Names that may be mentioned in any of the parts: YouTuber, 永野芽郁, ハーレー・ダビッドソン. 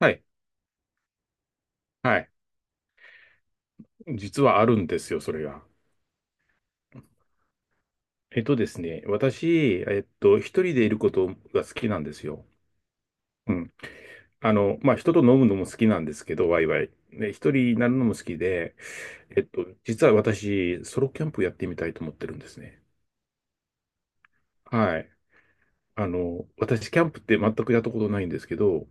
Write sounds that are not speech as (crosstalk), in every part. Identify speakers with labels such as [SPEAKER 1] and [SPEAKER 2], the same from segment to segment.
[SPEAKER 1] はい。はい。実はあるんですよ、それが。えっとですね、私、一人でいることが好きなんですよ。うん。まあ、人と飲むのも好きなんですけど、ワイワイ。ね、一人になるのも好きで、実は私、ソロキャンプやってみたいと思ってるんですね。はい。私、キャンプって全くやったことないんですけど、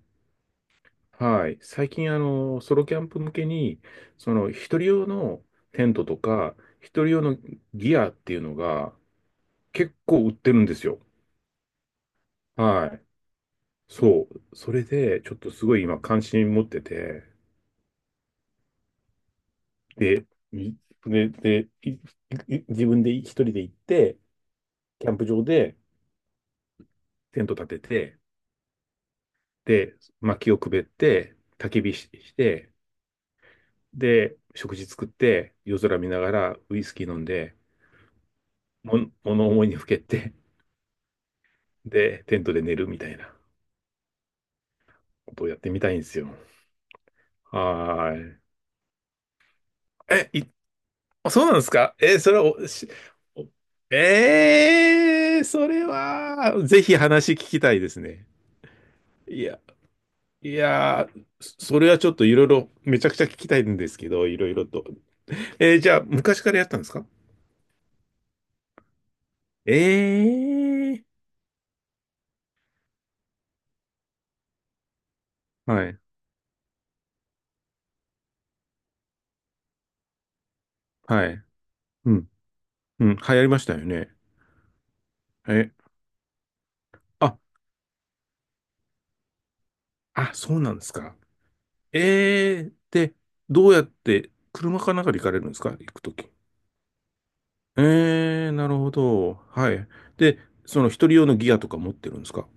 [SPEAKER 1] はい。最近、ソロキャンプ向けに、一人用のテントとか、一人用のギアっていうのが、結構売ってるんですよ。はい。そう。それで、ちょっとすごい今関心持ってて、で、いで、自分で一人で行って、キャンプ場でテント立てて、で、薪をくべって、焚き火し、して、で、食事作って、夜空見ながらウイスキー飲んで、物思いにふけって、で、テントで寝るみたいなことをやってみたいんですよ。はーい。え、いあ、そうなんですか？えーそれを、しおえー、それは、ぜひ話聞きたいですね。いや、いやー、それはちょっといろいろ、めちゃくちゃ聞きたいんですけど、いろいろと。じゃあ、昔からやったんですか？ええー、はい、はい、うん、うん、流行りましたよね。え、あ、あ、そうなんですか。ええー、で、どうやって、車かなんかで行かれるんですか？行くとき。ええ、なるほど。はい。で、その一人用のギアとか持ってるんですか？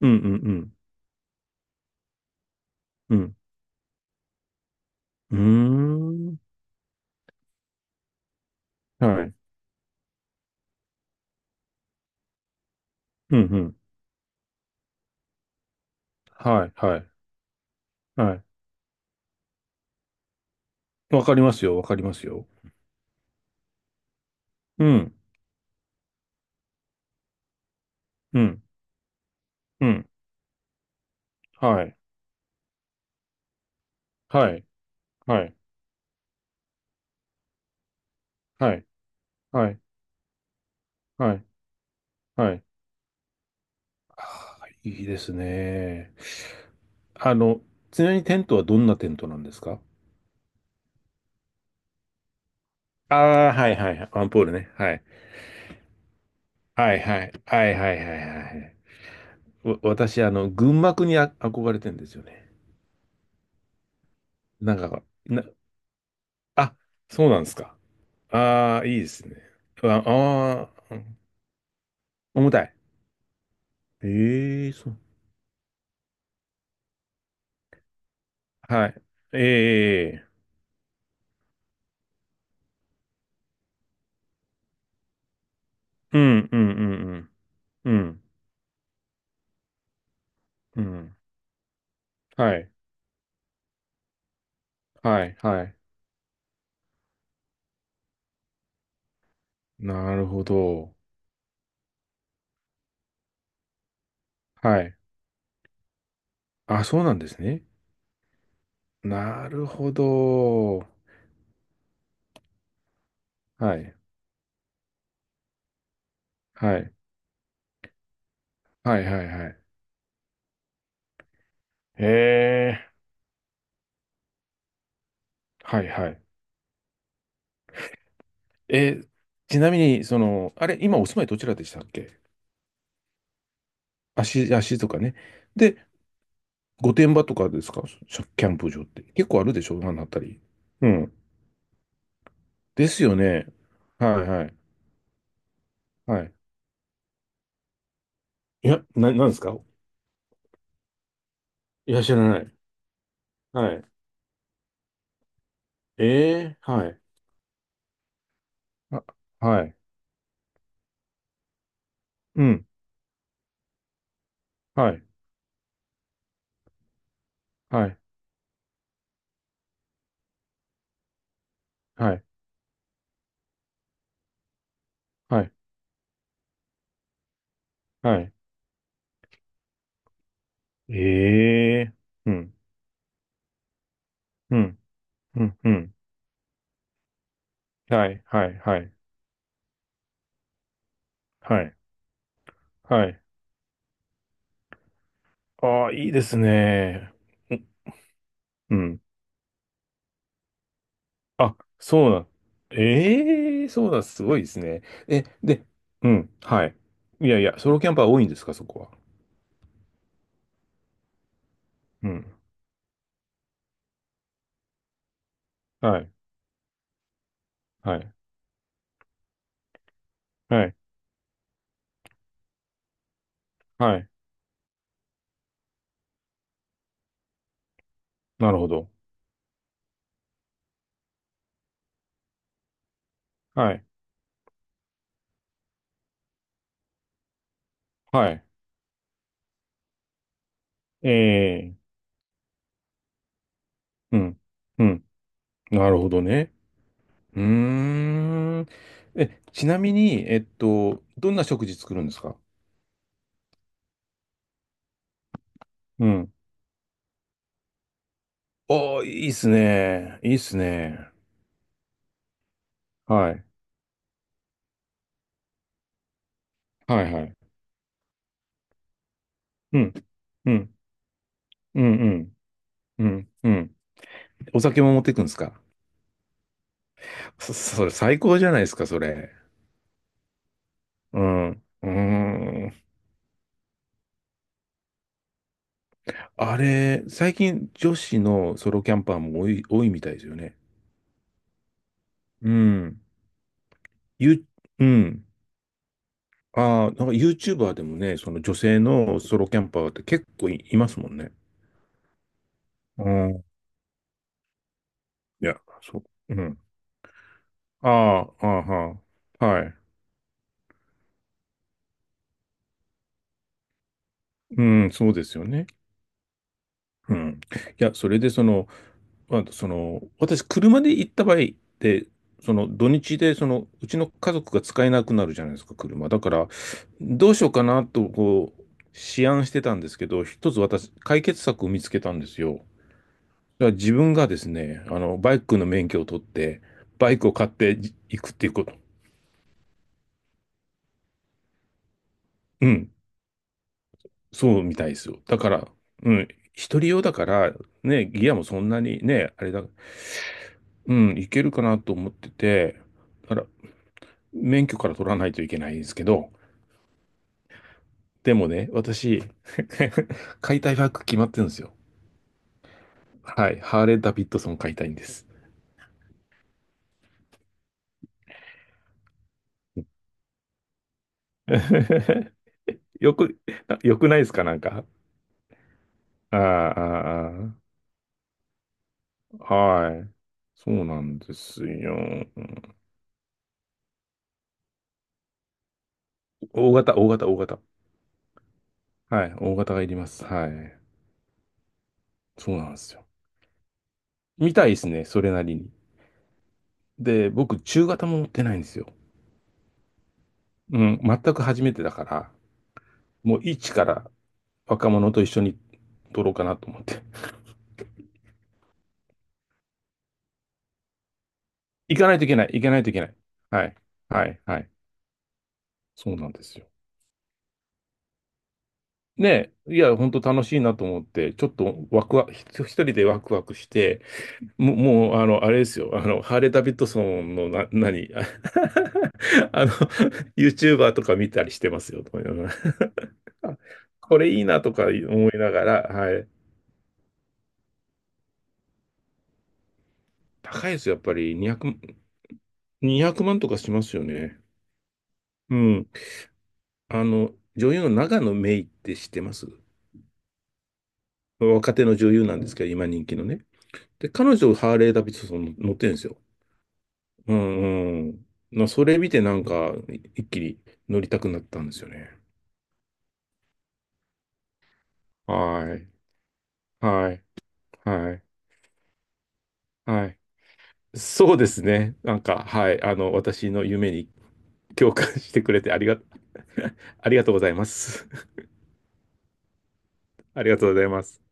[SPEAKER 1] うんうんうん。うん。うーん。はい。うんうん。はいはい。はい。わかりますよ。わかりますよ。うん。うん。うん。はい。はい。はい。はい。はい。はい。はい。ああ、いいですね。あの、ちなみにテントはどんなテントなんですか？ああー、はいはいはい。ワンポールね。はい。はいはい。はいはいはいはい。私、群幕に憧れてんですよね。なんか、あ、そうなんですか。ああ、いいですね。ああー、うん、重たい。ええそう。はい。ええ、うん、うん、うん、うん、うん、うん。はい、はい、はい。なるほど。はい。あ、そうなんですね。なるほど。はい、はい、はい、はい、はい。ええ、はい、はい。えーちなみに、その、あれ、今お住まいどちらでしたっけ？足、足とかね。で、御殿場とかですか？キャンプ場って。結構あるでしょ？あのあたり。うん。ですよね。はいはい。はい。いや、なんですか？いや、知らない。はい。ええ、はい。あ、はい。うん。はい。はい。はい。はい。はい。ええ、うん。うん。うん。うん。はい。はい。はい。はい。はい。ああ、いいですね。うん。あ、そうなん。ええ、そうなん、すごいですね。え、で、うん、はい。いやいや、ソロキャンパー多いんですか、そこは？うん。はい、はい、はい、はい。なるほど。はい、はい。ええ、うん、うん。なるほどね。うーん。え、ちなみに、どんな食事作るんですか？うん。おー、いいっすね。いいっすね。はい、はい、はい。うん、うん、うん、うん、うん、うん。お酒も持っていくんですか？(laughs) それ最高じゃないですか、それ。うん。うーん。あれ、最近女子のソロキャンパーも多い、多いみたいですよね。うん。ゆ、うん。ああ、なんか YouTuber でもね、その女性のソロキャンパーって結構いますもんね。うん。いや、そう。うん。ああ、ああ、はあ、はい。うん、そうですよね。うん。いや、それで、まあ、私、車で行った場合って、その土日で、うちの家族が使えなくなるじゃないですか、車。だから、どうしようかなと、こう、思案してたんですけど、一つ私、解決策を見つけたんですよ。だから自分がですね、バイクの免許を取って、バイクを買って行くっていうこと。うん、そうみたいですよ。だから、うん、一人用だから、ね、ギアもそんなにね、あれだ、うん、いけるかなと思ってて、だから、免許から取らないといけないんですけど、でもね、私、(laughs) 買いたいバイク決まってるんですよ。はい。ハーレー・ダビッドソン買いたいんです。(laughs) よく、よくないですかなんか？ああ、ああ、はい。そうなんですよ。大型、大型、大型。はい。大型がいります。はい。そうなんですよ。見たいですね。それなりに。で、僕、中型も持ってないんですよ。うん。全く初めてだから、もう一から若者と一緒に撮ろうかなと思って。行かないといけない、行かないといけない。はい、はい、はい。そうなんですよ。ねえ、いや、本当楽しいなと思って、ちょっとワクワク、一人でワクワクして、もう、あれですよ、ハーレー・ダビッドソンの何、(laughs) の、YouTuber とか見たりしてますよ、(laughs) とか言いながら (laughs) これいいなとか思いながら、はい。高いですよ、やっぱり200、200万とかしますよね。うん。女優の永野芽郁って知ってます？若手の女優なんですけど、今人気のね。で、彼女、ハーレー・ダビッドソン乗ってるんですよ。うんうん。それ見てなんか、一気に乗りたくなったんですよね。はい。はい。はい。はい。そうですね。なんか、はい。私の夢に共感してくれてありが、(laughs) ありがとうございます。(laughs) ありがとうございます。